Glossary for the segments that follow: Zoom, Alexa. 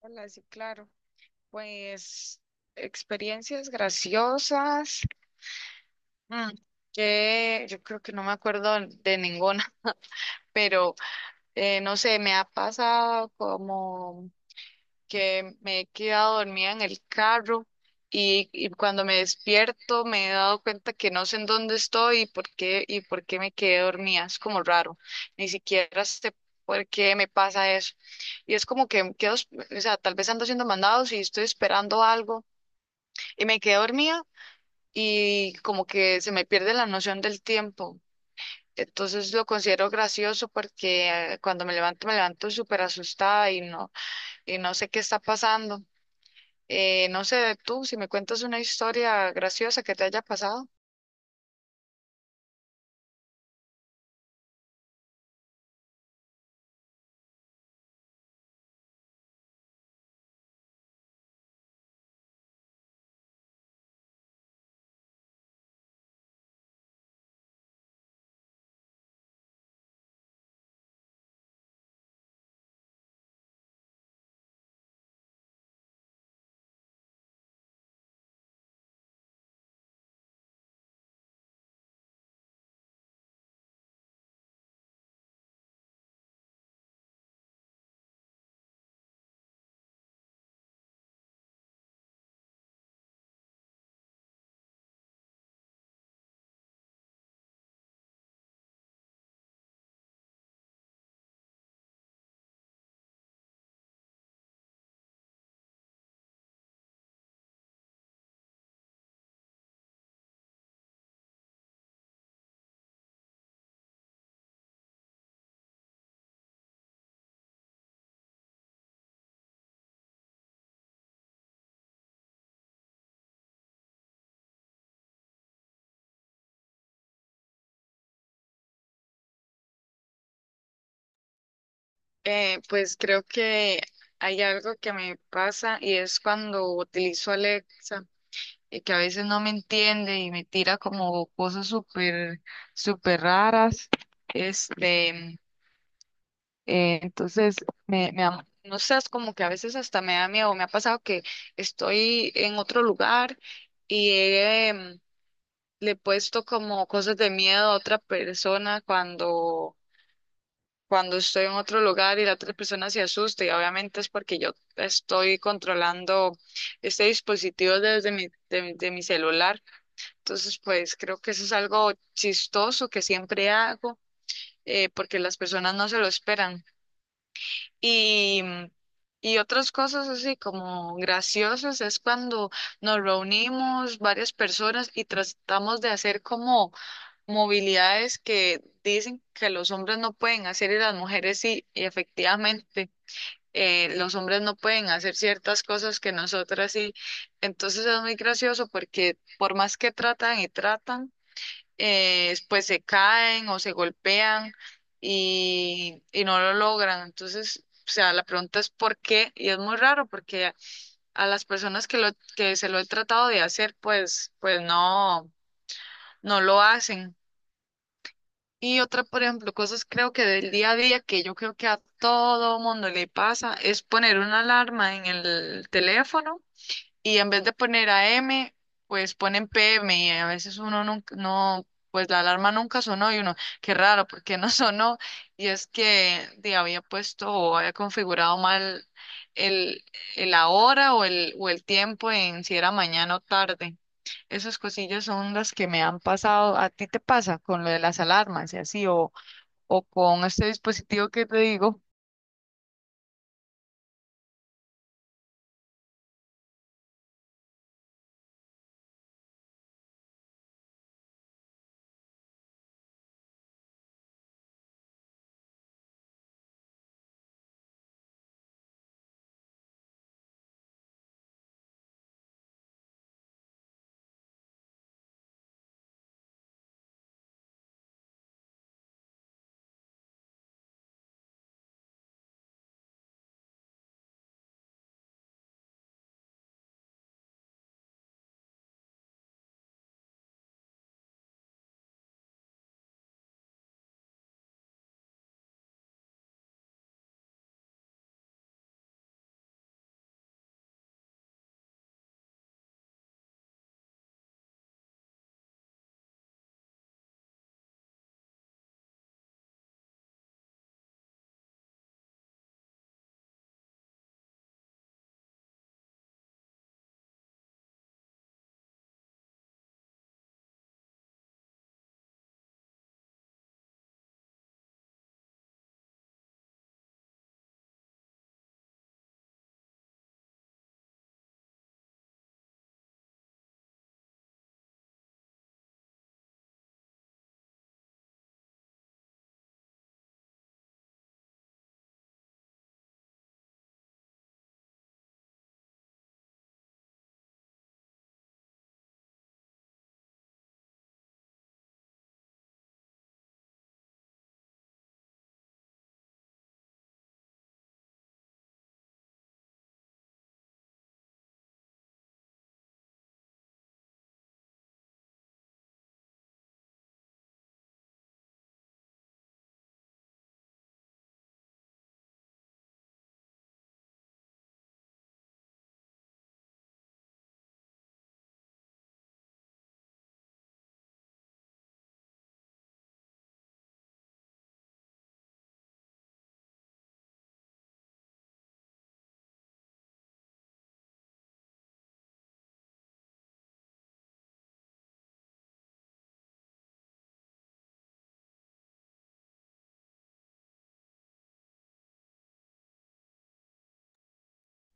Hola, sí, claro. Pues experiencias graciosas. mm, que yo creo que no me acuerdo de ninguna, pero no sé, me ha pasado como que me he quedado dormida en el carro y cuando me despierto me he dado cuenta que no sé en dónde estoy y por qué me quedé dormida. Es como raro. Ni siquiera sé por qué me pasa eso. Y es como que quedo, o sea, tal vez ando haciendo mandados y estoy esperando algo y me quedé dormida y como que se me pierde la noción del tiempo. Entonces lo considero gracioso porque cuando me levanto súper asustada y no sé qué está pasando. No sé tú, si me cuentas una historia graciosa que te haya pasado. Pues creo que hay algo que me pasa y es cuando utilizo Alexa y que a veces no me entiende y me tira como cosas súper, súper raras. Este, entonces, no sé, es como que a veces hasta me da miedo. Me ha pasado que estoy en otro lugar y le he puesto como cosas de miedo a otra persona cuando estoy en otro lugar y la otra persona se asusta. Y obviamente es porque yo estoy controlando este dispositivo desde mi, de, mi de mi celular. Entonces, pues creo que eso es algo chistoso que siempre hago, porque las personas no se lo esperan. Y, y otras cosas así como graciosas es cuando nos reunimos varias personas y tratamos de hacer como movilidades que dicen que los hombres no pueden hacer y las mujeres sí, y efectivamente, los hombres no pueden hacer ciertas cosas que nosotras sí. Entonces es muy gracioso porque por más que tratan y tratan, pues se caen o se golpean y no lo logran. Entonces, o sea, la pregunta es por qué, y es muy raro porque a las personas que se lo he tratado de hacer, pues no lo hacen. Y otra, por ejemplo, cosas creo que del día a día que yo creo que a todo mundo le pasa es poner una alarma en el teléfono y en vez de poner a m pues ponen PM y a veces uno nunca, no, pues la alarma nunca sonó y uno, qué raro, ¿por qué no sonó? Y es que di, había puesto o había configurado mal el, el la hora o el tiempo en si era mañana o tarde. Esas cosillas son las que me han pasado. ¿A ti te pasa con lo de las alarmas y así, o con este dispositivo que te digo?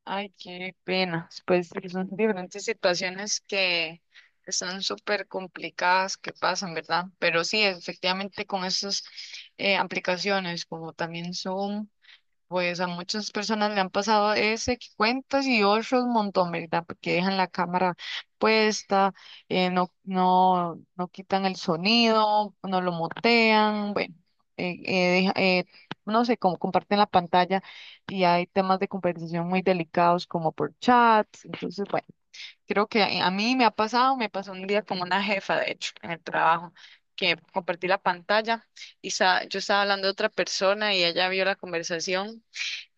Ay, qué pena. Pues sí, son diferentes situaciones que están súper complicadas que pasan, ¿verdad? Pero sí, efectivamente con esas aplicaciones como también Zoom. Pues a muchas personas le han pasado ese que cuentas y otros un montón, ¿verdad? Porque dejan la cámara puesta, no quitan el sonido, no lo mutean, bueno, eh, eh, deja- eh, no sé, como comparten la pantalla y hay temas de conversación muy delicados como por chats. Entonces, bueno, creo que a mí me ha pasado, me pasó un día con una jefa, de hecho, en el trabajo, que compartí la pantalla y yo estaba hablando de otra persona y ella vio la conversación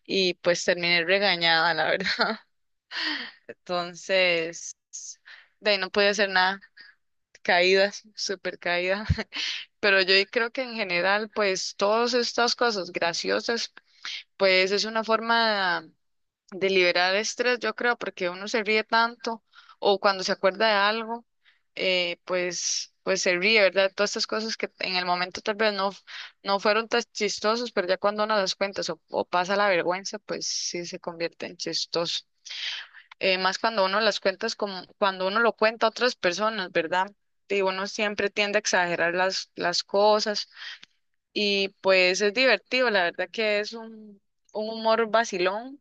y pues terminé regañada, la verdad. Entonces, de ahí no pude hacer nada. Caídas, súper caída. Pero yo creo que en general, pues todas estas cosas graciosas, pues es una forma de liberar estrés, yo creo, porque uno se ríe tanto o cuando se acuerda de algo, pues se ríe, ¿verdad? Todas estas cosas que en el momento tal vez no fueron tan chistosas, pero ya cuando uno las cuenta o pasa la vergüenza, pues sí se convierte en chistoso. Más cuando uno las cuentas como cuando uno lo cuenta a otras personas, ¿verdad? Y uno siempre tiende a exagerar las cosas y pues es divertido, la verdad que es un humor vacilón,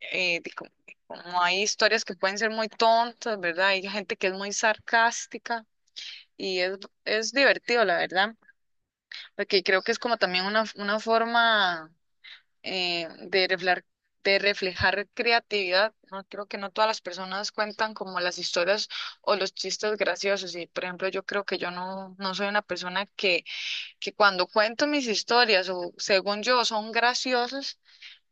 de como, como hay historias que pueden ser muy tontas, ¿verdad? Hay gente que es muy sarcástica y es, es divertido, la verdad, porque creo que es como también una forma eh, de reflejar, de reflejar creatividad. No creo que no todas las personas cuentan como las historias o los chistes graciosos. Y por ejemplo, yo creo que yo no soy una persona que cuando cuento mis historias o según yo son graciosos,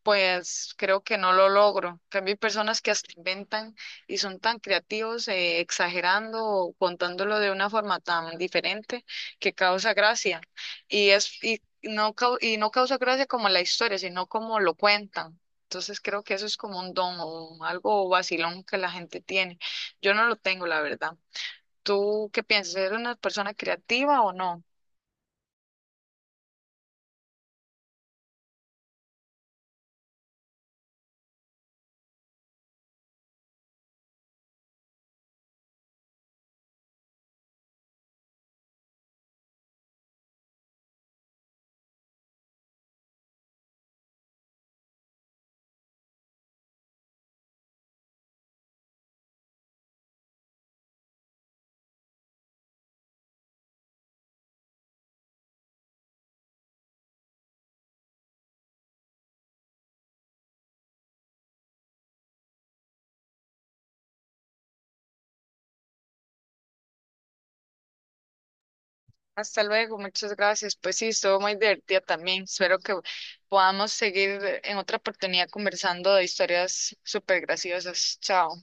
pues creo que no lo logro. También hay personas que hasta inventan y son tan creativos, exagerando o contándolo de una forma tan diferente que causa gracia. Y no causa gracia como la historia, sino como lo cuentan. Entonces creo que eso es como un don o algo vacilón que la gente tiene. Yo no lo tengo, la verdad. ¿Tú qué piensas? ¿Eres una persona creativa o no? Hasta luego, muchas gracias. Pues sí, estuvo muy divertida también. Espero que podamos seguir en otra oportunidad conversando de historias súper graciosas. Chao.